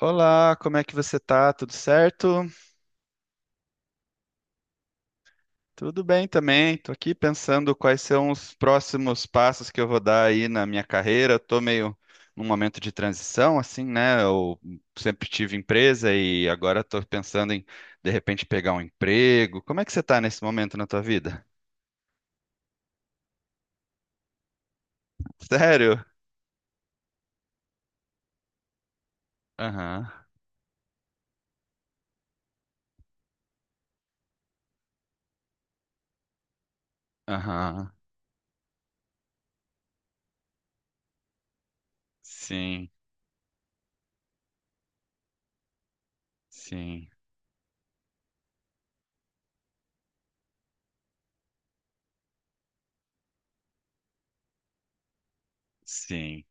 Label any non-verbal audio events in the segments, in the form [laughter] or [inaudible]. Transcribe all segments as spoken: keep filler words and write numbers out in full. Olá, como é que você tá? Tudo certo? Tudo bem também. Tô aqui pensando quais são os próximos passos que eu vou dar aí na minha carreira. Eu tô meio num momento de transição, assim, né? Eu sempre tive empresa e agora tô pensando em, de repente, pegar um emprego. Como é que você tá nesse momento na tua vida? Sério? Aham, aham. Sim, sim, sim.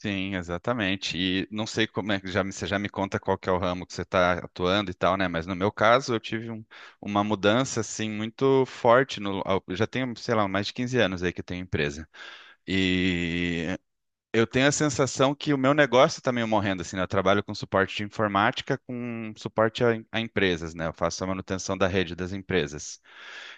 Sim, exatamente. E não sei como é que já, me- você já me conta qual que é o ramo que você está atuando e tal, né? Mas no meu caso, eu tive um- uma mudança assim muito forte no, ao- eu já tenho, sei lá, mais de quinze anos aí que eu tenho empresa. E eu tenho a sensação que o meu negócio está meio morrendo assim, né? Eu trabalho com suporte de informática, com suporte a, a empresas, né? Eu faço a manutenção da rede das empresas.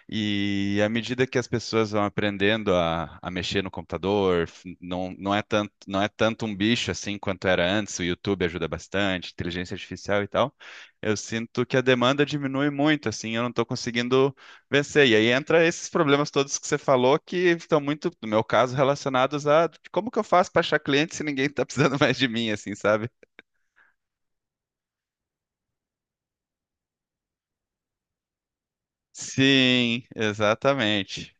E à medida que as pessoas vão aprendendo a, a mexer no computador, f- não, não é tanto, não é tanto um bicho assim quanto era antes, o YouTube ajuda bastante, inteligência artificial e tal. Eu sinto que a demanda diminui muito, assim, eu não estou conseguindo vencer. E aí entra esses problemas todos que você falou que estão muito, no meu caso, relacionados a como que eu faço para achar cliente se ninguém está [laughs] precisando mais de mim, assim, sabe? Sim, exatamente.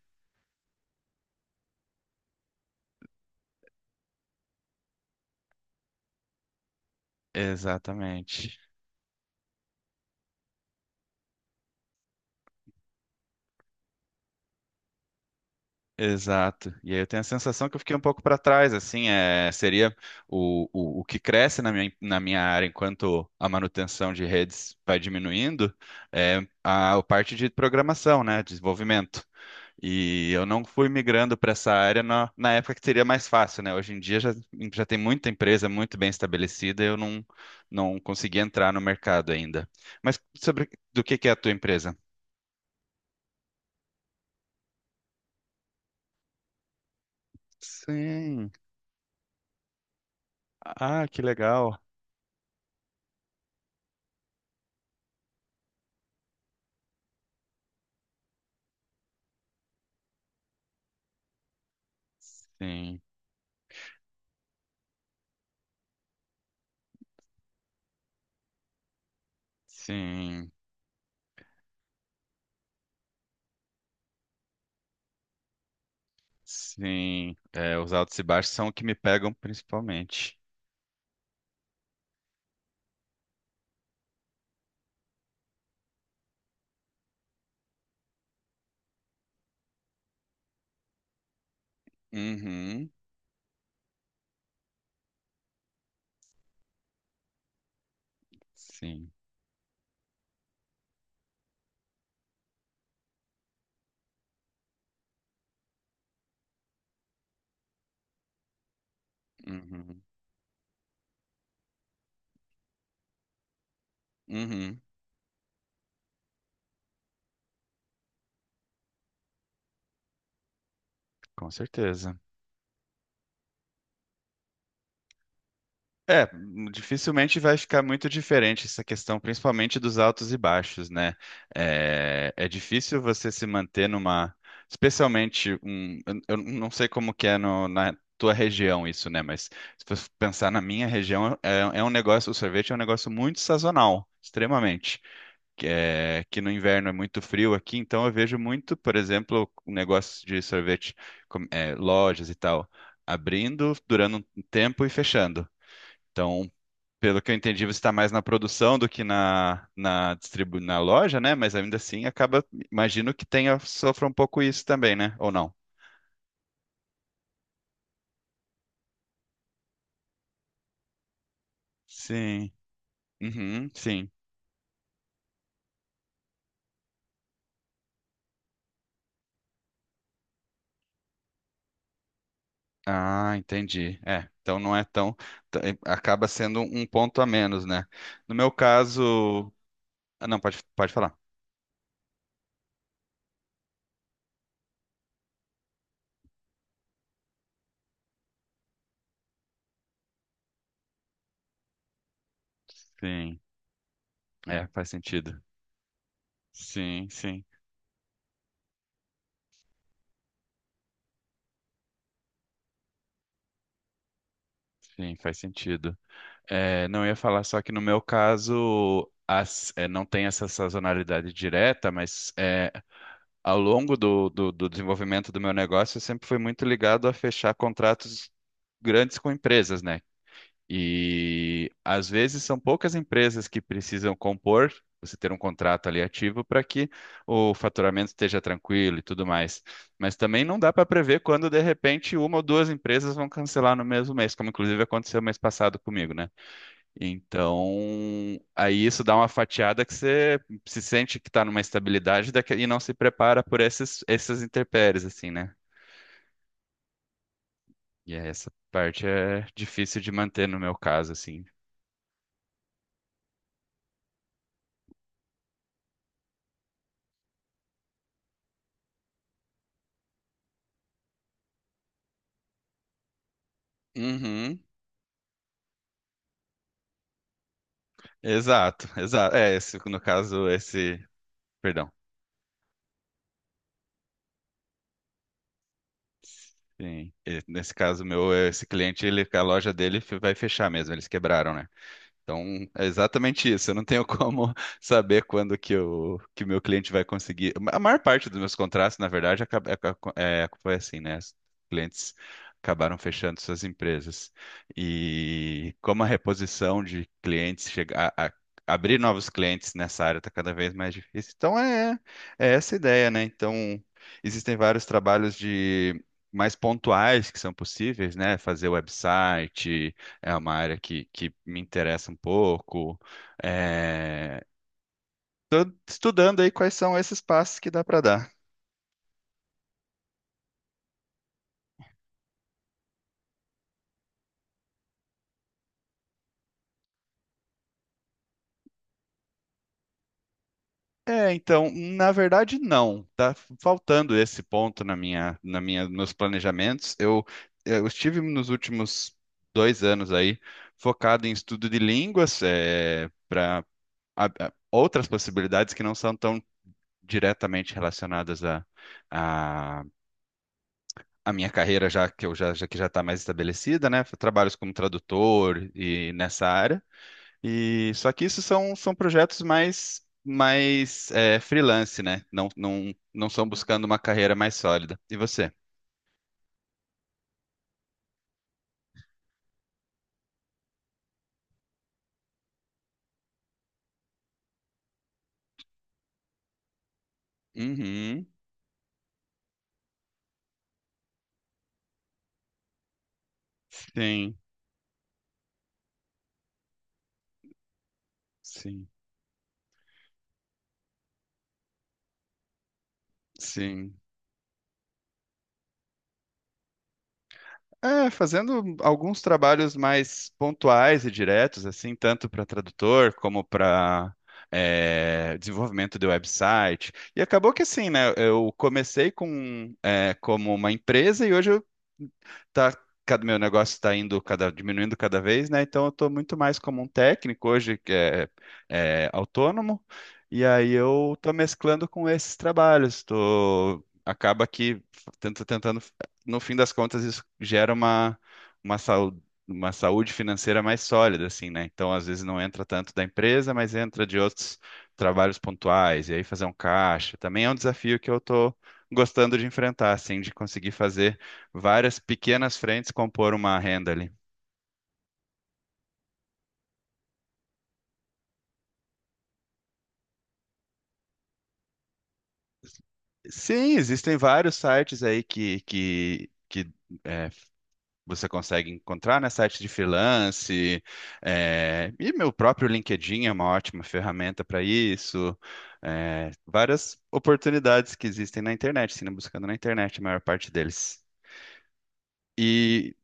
Exatamente. Exato. E aí eu tenho a sensação que eu fiquei um pouco para trás, assim, é, seria o, o, o que cresce na minha, na minha área enquanto a manutenção de redes vai diminuindo, é a, a parte de programação, né, desenvolvimento. E eu não fui migrando para essa área na, na época que seria mais fácil, né? Hoje em dia já, já tem muita empresa muito bem estabelecida, e eu não, não consegui entrar no mercado ainda. Mas sobre do que que é a tua empresa? Sim. Ah, que legal. Sim. Sim, sim. É, os altos e baixos são o que me pegam principalmente. Uhum, sim. Uhum, uhum, com certeza. É, hum, dificilmente vai ficar muito diferente essa questão, principalmente dos altos e baixos, né? É, é difícil você se manter numa, especialmente um, eu eu não sei como que é no- na tua região isso, né? Mas se você pensar na minha região, é, é um negócio, o sorvete é um negócio muito sazonal, extremamente. Que, é, que no inverno é muito frio aqui, então eu vejo muito, por exemplo, o negócio de sorvete, com- é, lojas e tal, abrindo, durando um tempo e fechando. Então, pelo que eu entendi, você está mais na produção do que na, na, distribu na loja, né? Mas ainda assim, acaba, imagino que tenha, sofra um pouco isso também, né? Ou não? Sim. Uhum, sim. Ah, entendi. É, então não é tão. t- Acaba sendo um ponto a menos, né? No meu caso. Ah, não, pode, pode falar. Sim, é, faz sentido. Sim, sim, sim, faz sentido. É, não, eu ia falar só que no meu caso as, é, não tem essa sazonalidade direta, mas é, ao longo do, do, do desenvolvimento do meu negócio eu sempre fui muito ligado a fechar contratos grandes com empresas, né? E às vezes são poucas empresas que precisam compor, você ter um contrato ali ativo para que o faturamento esteja tranquilo e tudo mais. Mas também não dá para prever quando de repente uma ou duas empresas vão cancelar no mesmo mês, como inclusive aconteceu mês passado comigo, né? Então, aí isso dá uma fatiada que você se sente que está numa estabilidade daqui- e não se prepara por esses, essas intempéries, assim, né? E essa parte é difícil de manter no meu caso, assim. Uhum. Exato, exato. É, esse, no caso, esse. Perdão. Sim. e- Nesse caso, meu, esse cliente, ele, a loja dele fe- vai fechar mesmo. Eles quebraram, né? Então, é exatamente isso. Eu não tenho como [laughs] saber quando que o que o meu cliente vai conseguir. A maior parte dos meus contratos, na verdade, acaba- é- é- foi assim, né? Os clientes acabaram fechando suas empresas. E como a reposição de clientes chegar a, a- abrir novos clientes nessa área está cada vez mais difícil. Então, é, é essa a ideia, né? Então, existem vários trabalhos de mais pontuais que são possíveis, né? Fazer website é uma área que, que me interessa um pouco. É, estudando aí quais são esses passos que dá para dar. É, então, na verdade, não. Tá faltando esse ponto na minha, na minha, nos planejamentos. Eu, eu estive nos últimos dois anos aí focado em estudo de línguas, é, para outras possibilidades que não são tão diretamente relacionadas a a minha carreira já que eu já, já que já está mais estabelecida, né? Trabalhos como tradutor e nessa área. E só que isso são, são projetos mais mais é, freelance, né? Não não não são buscando uma carreira mais sólida. E você? Uhum. Sim, sim, sim. É, fazendo alguns trabalhos mais pontuais e diretos, assim, tanto para tradutor como para desenvolvimento de website. E acabou que assim, né? Eu comecei com é, como uma empresa e hoje eu tá, cada meu negócio está indo cada diminuindo cada vez, né? Então eu estou muito mais como um técnico hoje que é, é autônomo e aí eu estou mesclando com esses trabalhos. Tô, acaba que tento tentando no fim das contas isso gera uma uma saúde uma saúde financeira mais sólida assim, né? Então às vezes não entra tanto da empresa, mas entra de outros trabalhos pontuais e aí fazer um caixa também é um desafio que eu estou gostando de enfrentar, assim, de conseguir fazer várias pequenas frentes compor uma renda ali. Sim, existem vários sites aí que, que, que é, você consegue encontrar, né? Sites de freelance, é, e meu próprio LinkedIn é uma ótima ferramenta para isso. É, várias oportunidades que existem na internet, sim, buscando na internet a maior parte deles. E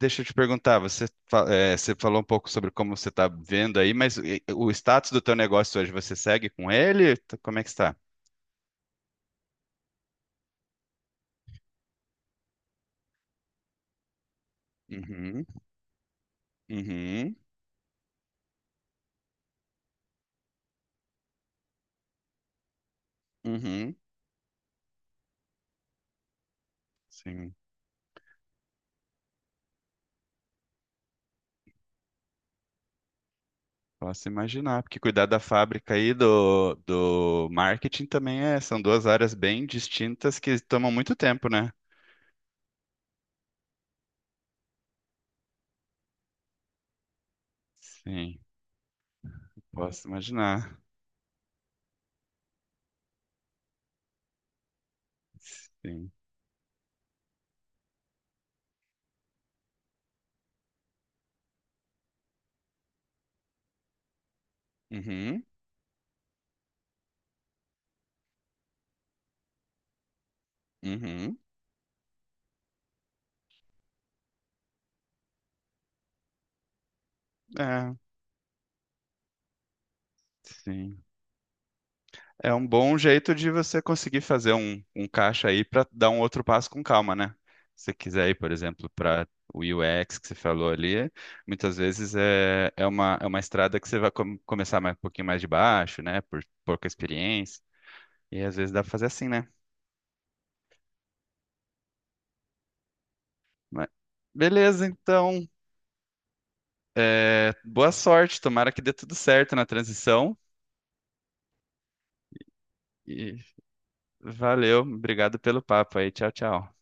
deixa eu te perguntar, você, fa- é, você falou um pouco sobre como você está vendo aí, mas e- o status do teu negócio hoje, você segue com ele? Como é que está? Uhum. Uhum, uhum, sim. Posso imaginar, porque cuidar da fábrica e do, do marketing também é, são duas áreas bem distintas que tomam muito tempo, né? Sim, posso imaginar. Sim. Uhum, uhum, é, sim. É um bom jeito de você conseguir fazer um, um caixa aí para dar um outro passo com calma, né? Se você quiser ir, por exemplo, para o U X que você falou ali, muitas vezes é, é uma, é uma estrada que você vai com- começar mais, um pouquinho mais de baixo, né? Por pouca experiência. E às vezes dá para fazer assim, né? Mas beleza, então. É, boa sorte. Tomara que dê tudo certo na transição. E valeu. Obrigado pelo papo aí. Tchau, tchau.